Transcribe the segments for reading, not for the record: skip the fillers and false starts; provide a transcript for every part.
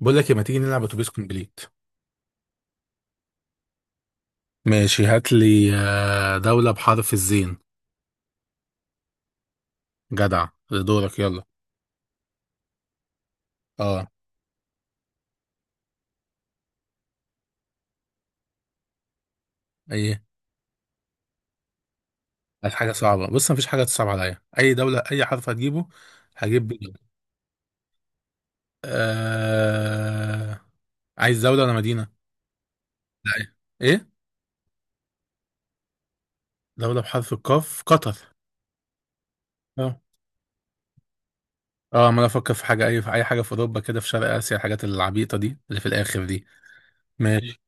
بقول لك إيه، ما تيجي نلعب اتوبيس كومبليت؟ ماشي، هات لي دولة بحرف الزين. جدع، دورك يلا. اه. ايه. هات حاجة صعبة، بص مفيش حاجة تصعب عليا، اي دولة اي حرف هتجيبه هجيب بيه. آه... عايز دولة ولا مدينة؟ لا ايه. إيه؟ دولة بحرف القاف، قطر. اه. اه، عمال افكر في حاجة، اي في اي حاجة في اوروبا كده، في شرق اسيا، الحاجات العبيطة دي اللي في الاخر دي. ماشي،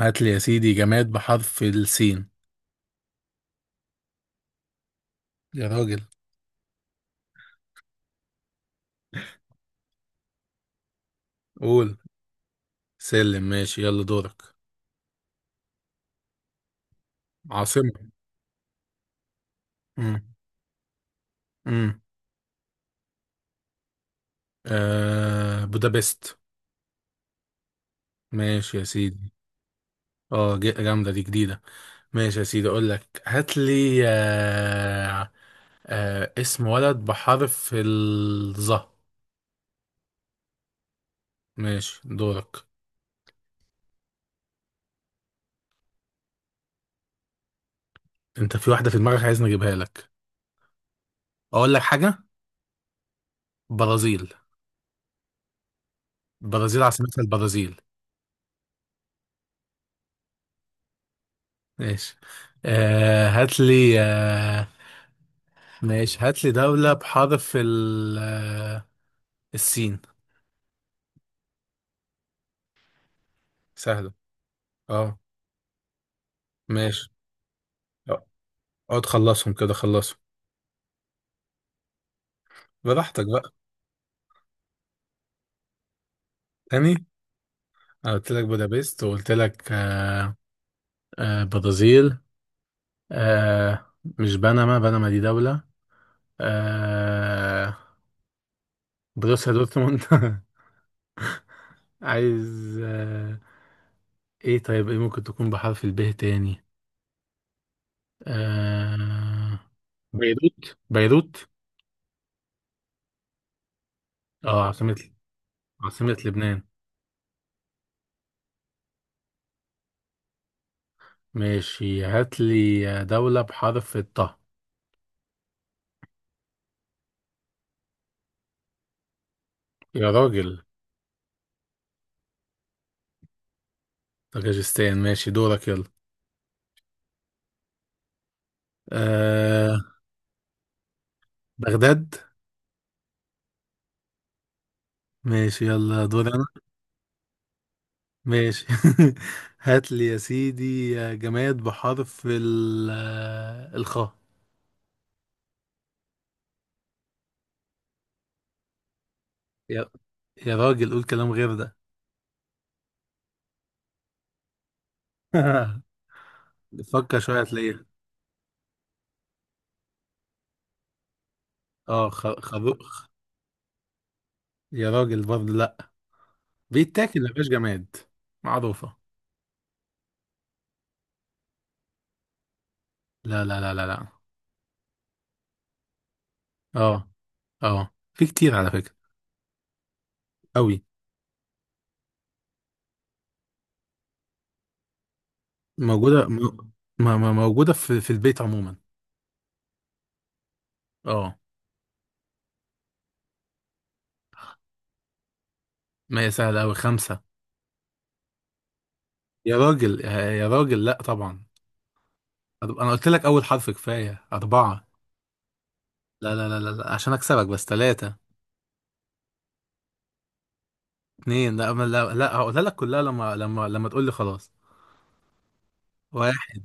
هات لي يا سيدي جماد بحرف السين. يا راجل. قول. سلم. ماشي يلا، دورك. عاصمة. امم امم بودابست. ماشي يا سيدي. اه، جامدة دي، جديدة. ماشي يا سيدي، اقول لك هات لي. اسم ولد بحرف الظه. ماشي، دورك. انت في واحدة في دماغك عايزني اجيبها لك. اقول لك حاجة. برازيل. برازيل عاصمتها البرازيل. ماشي. هات لي. ماشي، هات لي دولة بحرف السين. سهلة. اه. ماشي آه، اقعد خلصهم كده، خلصهم. براحتك بقى. تاني. أنا قلت لك بودابست، وقلت لك. برازيل. آه مش بنما، بنما دي دولة. آه بروسيا دورتموند. عايز. ايه طيب، ايه ممكن تكون بحرف الب تاني؟ آه بيروت، بيروت. اه عاصمة. عاصمة لبنان. ماشي، هات لي دولة بحرف الطاء. يا راجل. طاجستان، ماشي دورك يلا. آه بغداد. ماشي يلا دور انا. ماشي. هات لي يا سيدي جماد بحرف ال الخاء. يا يا راجل، قول كلام غير ده. فكر شوية هتلاقيها. اه، خروخ. يا راجل برضه لا. بيتاكل مفيش جماد معروفة. لا لا لا لا لا. اه اه، في كتير على فكرة، قوي. موجودة موجودة في البيت عموما. اه. ما هي سهلة أوي، خمسة. يا راجل يا راجل، لا طبعا. انا قلت لك اول حرف كفايه، اربعه. لا لا لا لا لا، عشان اكسبك بس، ثلاثه. اتنين، لا لا لا، هقولها لك كلها لما تقول لي خلاص. واحد.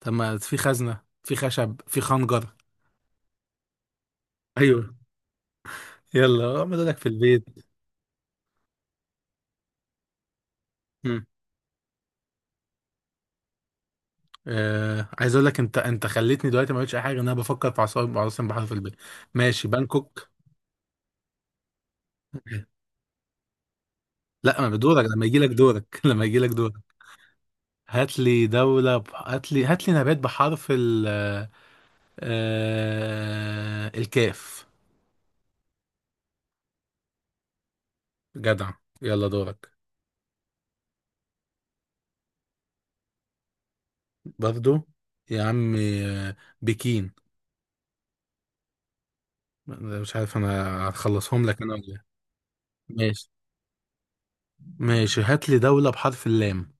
طب ما في خزنه، في خشب، في خنجر. ايوه. يلا اعمل لك في البيت. مم. عايز اقول لك، انت خليتني دلوقتي ما قلتش اي حاجه ان انا بفكر في عاصمه بحر في البيت. ماشي، بانكوك. لا، ما بدورك لما يجي لك دورك. لما يجي لك دورك. هات لي هات لي نبات بحرف ال الكاف. جدع. يلا دورك. برضو. يا عم. بكين. مش عارف انا هخلصهم لك انا ولا إيه. ماشي ماشي، هات لي دولة بحرف اللام.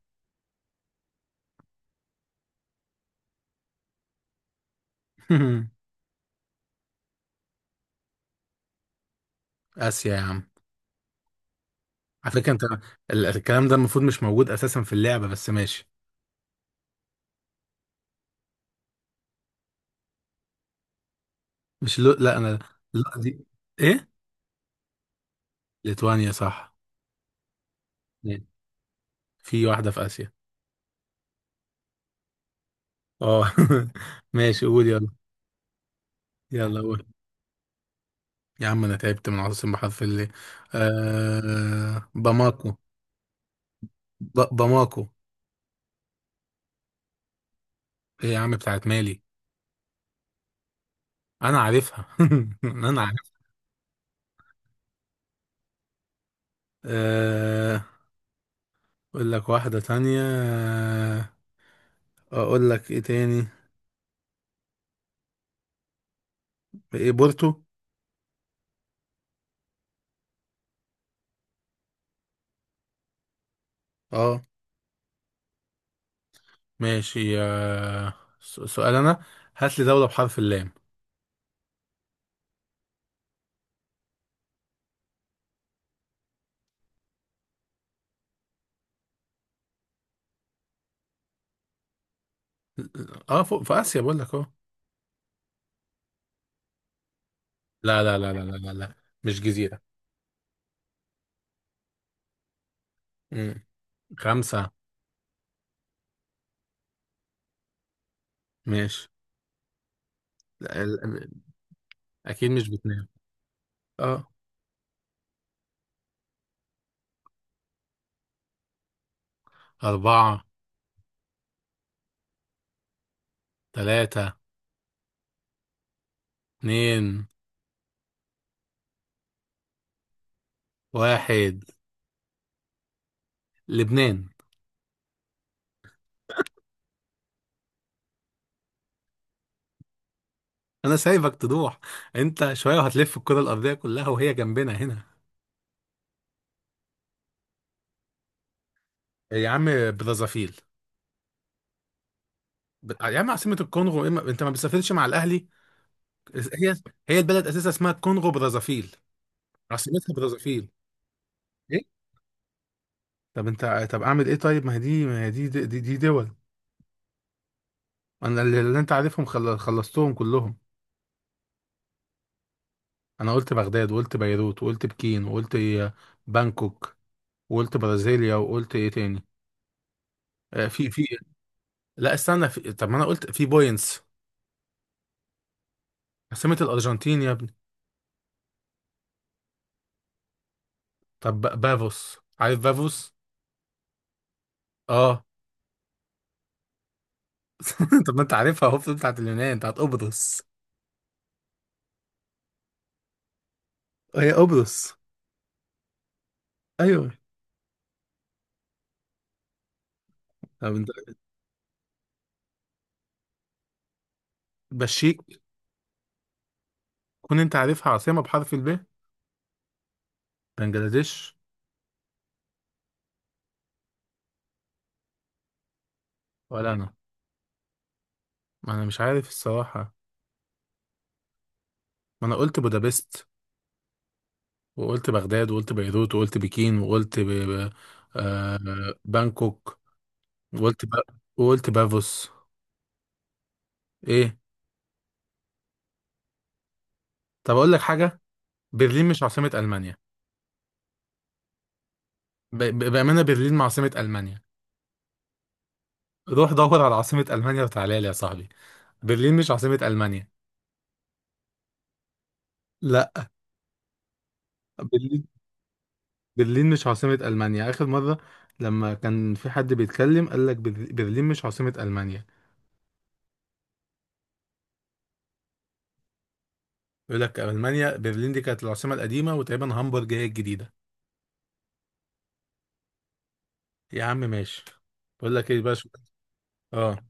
اسيا يا عم. على فكرة انت، الكلام ده المفروض مش موجود اساسا في اللعبة، بس ماشي. مش لو، لا انا. لا دي. ايه. ليتوانيا صح. في واحدة في اسيا. اه. ماشي، قول يلا. يلا قول. يا عم انا تعبت من عاصم بحرف اللي. باماكو. باماكو. ايه يا عم، بتاعت مالي. انا عارفها، انا عارف. آه اقول لك واحدة تانية. اقول لك ايه تاني. ايه، بورتو. اه. ماشي. سؤال انا، هات لي دولة بحرف اللام. اه، فوق في اسيا بقول لك اه. لا لا لا لا لا لا لا، مش جزيرة. مم. خمسة. ماشي. لا، اكيد مش بتنام. اه. أربعة. ثلاثة. اتنين. واحد. لبنان. انا سايبك تروح، انت شويه وهتلف الكره الارضيه كلها وهي جنبنا هنا. يا عم، برازافيل. يا عم عاصمه الكونغو، إيه انت ما بتسافرش مع الاهلي؟ هي هي البلد اساسا اسمها الكونغو برازافيل، عاصمتها برازافيل. ايه. طب انت، طب اعمل ايه طيب، ما هي دي، ما هي دي دي دول. انا اللي انت عارفهم خلصتهم كلهم. انا قلت بغداد وقلت بيروت وقلت بكين وقلت بانكوك، وقلت برازيليا، وقلت ايه تاني؟ في. لا استنى، طب ما انا قلت في بوينتس، عاصمة الارجنتين يا ابني. طب، بافوس، عارف بافوس. اه. طب ما انت عارفها اهو، بتاعت اليونان، بتاعت قبرص. هي قبرص. ايوه. طب انت. بشيك. كون انت عارفها عاصمة بحرف الب. بنجلاديش. ولا انا، ما انا مش عارف الصراحة. ما انا قلت بودابست وقلت بغداد وقلت بيروت وقلت بكين وقلت آه... بانكوك، وقلت وقلت بافوس. ايه. طب اقول لك حاجة، برلين مش عاصمة المانيا. بأمانة برلين عاصمة ألمانيا. روح دور على عاصمة ألمانيا وتعالى لي يا صاحبي. برلين مش عاصمة ألمانيا. لا. برلين برلين مش عاصمة ألمانيا آخر مرة لما كان في حد بيتكلم قال لك برلين مش عاصمة ألمانيا. يقول لك ألمانيا، برلين دي كانت العاصمة القديمة، وتقريبا هامبورج هي الجديدة. يا عم ماشي. بقول لك ايه بقى. اه.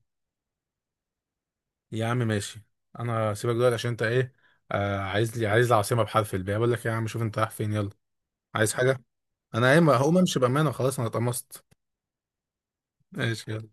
يا عم ماشي. انا سيبك دلوقتي عشان انت ايه. عايز لي، العاصمة بحرف الباء، بقول لك إيه يا عم، شوف انت رايح فين يلا. عايز حاجة. انا قايم هقوم امشي، بأمانة خلاص انا اتقمصت. ماشي يلا.